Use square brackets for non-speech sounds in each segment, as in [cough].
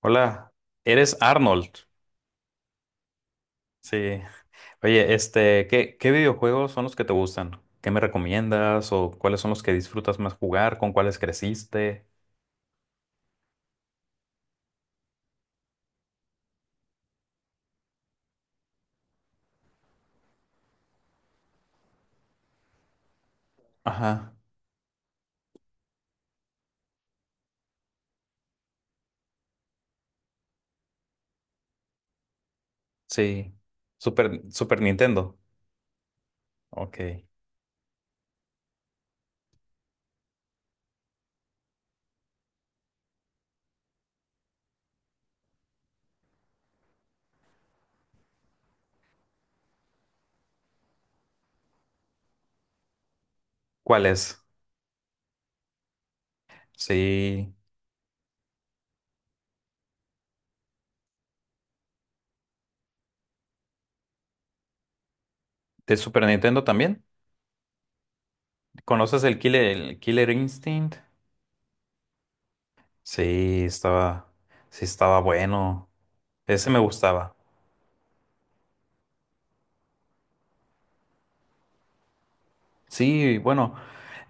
Hola, eres Arnold. Sí. Oye, este, ¿Qué videojuegos son los que te gustan? ¿Qué me recomiendas? ¿O cuáles son los que disfrutas más jugar? ¿Con cuáles creciste? Ajá, sí. Super Nintendo. Ok. ¿Cuál es? Sí. ¿De Super Nintendo también? ¿Conoces el Killer Instinct? Sí, estaba, sí estaba bueno. Ese me gustaba. Sí, bueno.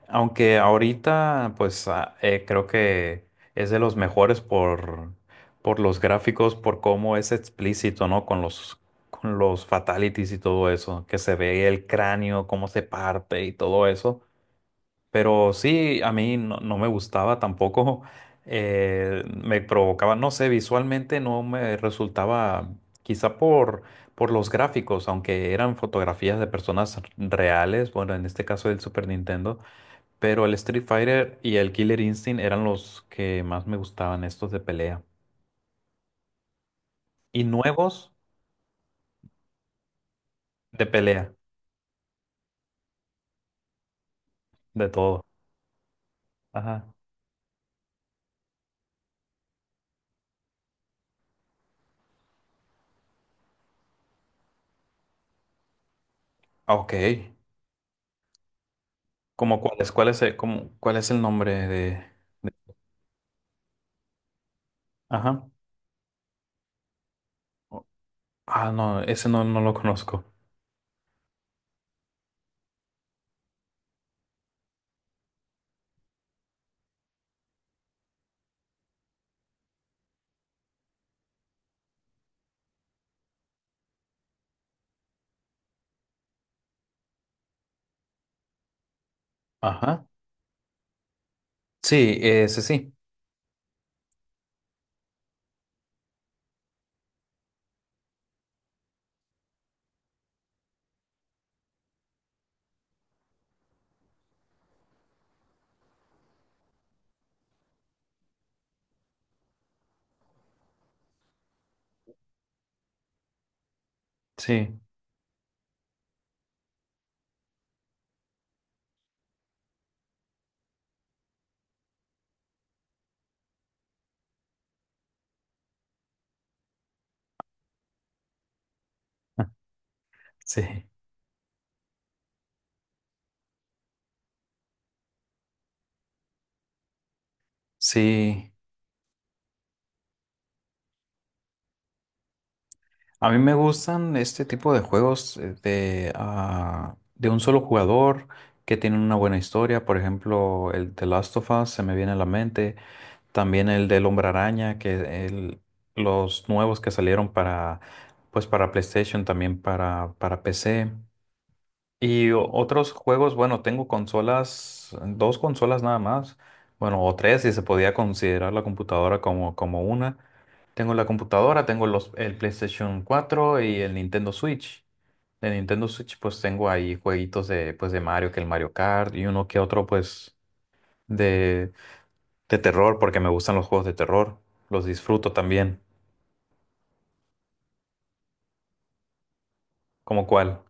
Aunque ahorita, pues creo que es de los mejores por los gráficos, por cómo es explícito, ¿no? Con los fatalities y todo eso, que se ve el cráneo, cómo se parte y todo eso. Pero sí, a mí no, no me gustaba tampoco, [laughs] me provocaba, no sé, visualmente no me resultaba, quizá por los gráficos, aunque eran fotografías de personas reales, bueno, en este caso del Super Nintendo, pero el Street Fighter y el Killer Instinct eran los que más me gustaban, estos de pelea. Y nuevos de pelea, de todo. Ajá. Ah, ok. ¿Cómo cuál es el, cómo- cuál es el nombre de- Ajá. O- Ah, no, ese no, no lo conozco. Ajá. Sí, ese sí. Sí. [laughs] Sí. Sí. A mí me gustan este tipo de juegos de un solo jugador que tienen una buena historia. Por ejemplo, el The Last of Us se me viene a la mente. También el del Hombre Araña, que el- los nuevos que salieron para, pues para PlayStation, también para PC. Y o- otros juegos, bueno, tengo consolas, dos consolas nada más. Bueno, o tres, si se podía considerar la computadora como, como una. Tengo la computadora, tengo los, el PlayStation 4 y el Nintendo Switch. De Nintendo Switch pues tengo ahí jueguitos de, pues, de Mario, que el Mario Kart y uno que otro pues de, de terror, porque me gustan los juegos de terror. Los disfruto también. ¿Cómo cuál?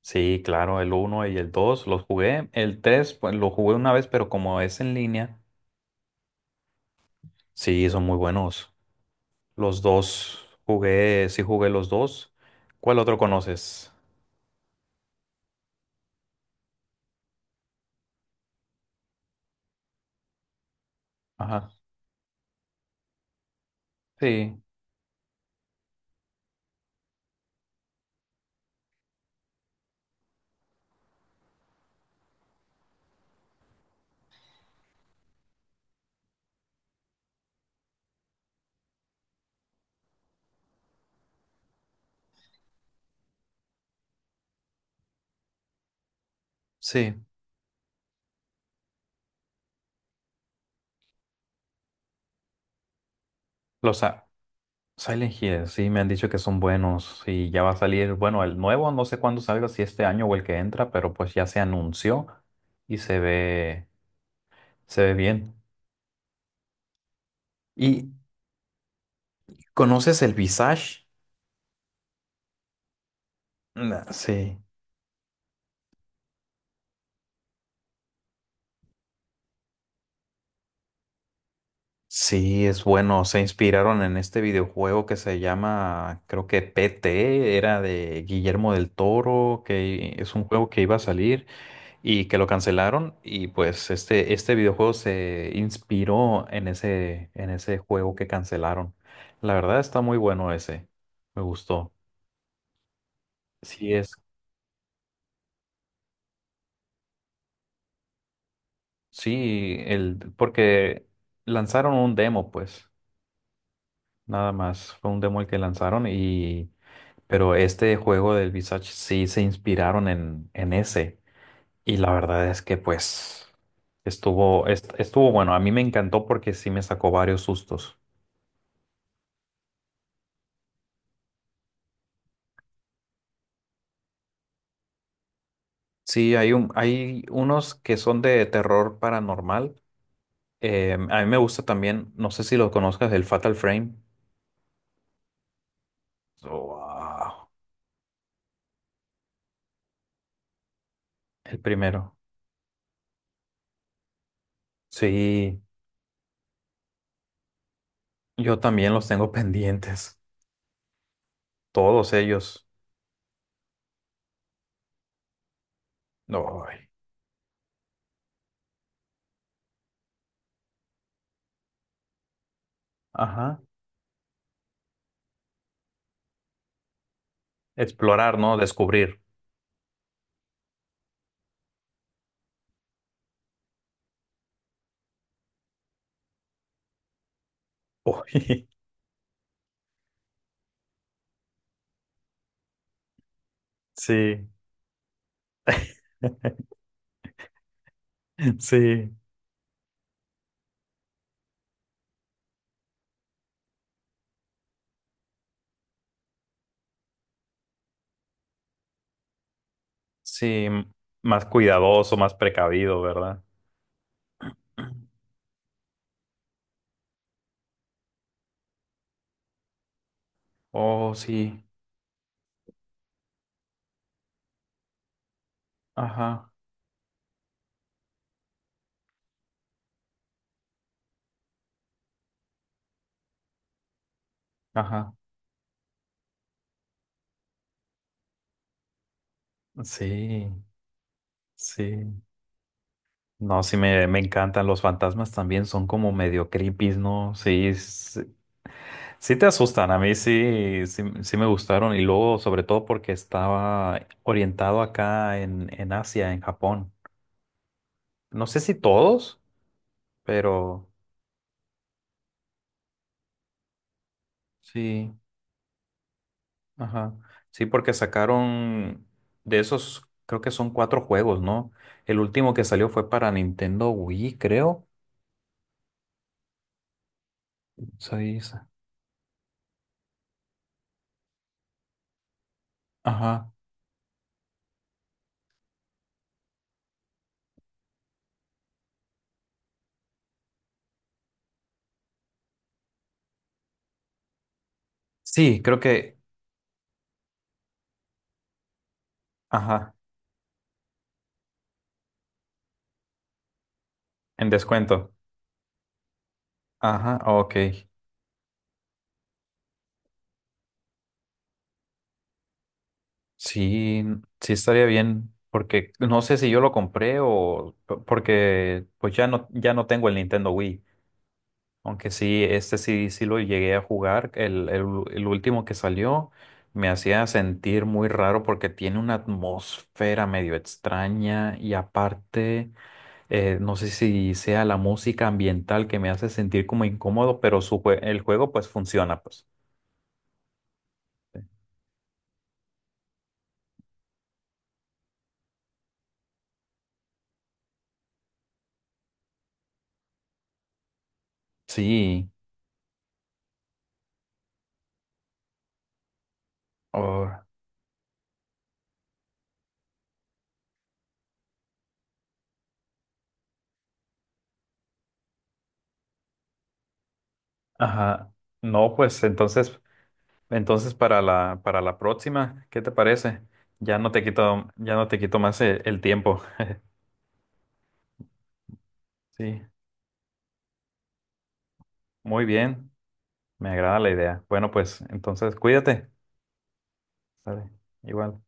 Sí, claro, el uno y el 2 los jugué. El 3 pues lo jugué una vez, pero como es en línea, sí, son muy buenos. Los dos jugué, sí jugué los dos. ¿Cuál otro conoces? Ajá. Sí, sí. Los, a- Silent Hill, sí, me han dicho que son buenos y ya va a salir, bueno, el nuevo, no sé cuándo salga, si este año o el que entra, pero pues ya se anunció y se ve bien. ¿Y conoces el Visage? Nah, sí, sí, es bueno, se inspiraron en este videojuego que se llama, creo que PT, era de Guillermo del Toro, que es un juego que iba a salir, y que lo cancelaron y pues este videojuego se inspiró en ese juego que cancelaron. La verdad está muy bueno ese, me gustó. Sí es, sí, el, porque lanzaron un demo pues, nada más, fue un demo el que lanzaron y, pero este juego del Visage sí se inspiraron en ese y la verdad es que pues estuvo, est- estuvo bueno, a mí me encantó porque sí me sacó varios sustos. Sí, hay un, hay unos que son de terror paranormal. A mí me gusta también, no sé si lo conozcas, el Fatal Frame. Wow, el primero. Sí, yo también los tengo [laughs] pendientes. Todos ellos. No. Ajá. Explorar, ¿no? Descubrir. Uy, [laughs] sí. [laughs] Sí. Sí, m- más cuidadoso, más precavido, ¿verdad? Oh, sí. Ajá, ajá. Sí, sí. No, sí me encantan. Los fantasmas también son como medio creepy, ¿no? Sí, s- sí, te asustan. A mí sí, sí, sí me gustaron. Y luego, sobre todo porque estaba orientado acá en Asia, en Japón. No sé si todos, pero sí, ajá. Sí, porque sacaron de esos, creo que son cuatro juegos, ¿no? El último que salió fue para Nintendo Wii, creo. Sí, sí. Ajá. Sí, creo que, ajá, en descuento. Ajá, ok. Sí, sí estaría bien, porque no sé si yo lo compré o p- porque pues ya no, ya no tengo el Nintendo Wii, aunque sí, este sí, sí lo llegué a jugar, el u- el último que salió me hacía sentir muy raro porque tiene una atmósfera medio extraña y aparte, no sé si sea la música ambiental que me hace sentir como incómodo, pero su jue- el juego pues funciona, pues. Sí. Oh. Ajá. No, pues entonces, entonces para la próxima, ¿qué te parece? Ya no te quito más el tiempo. Sí, muy bien. Me agrada la idea. Bueno, pues entonces cuídate. Sale. Igual.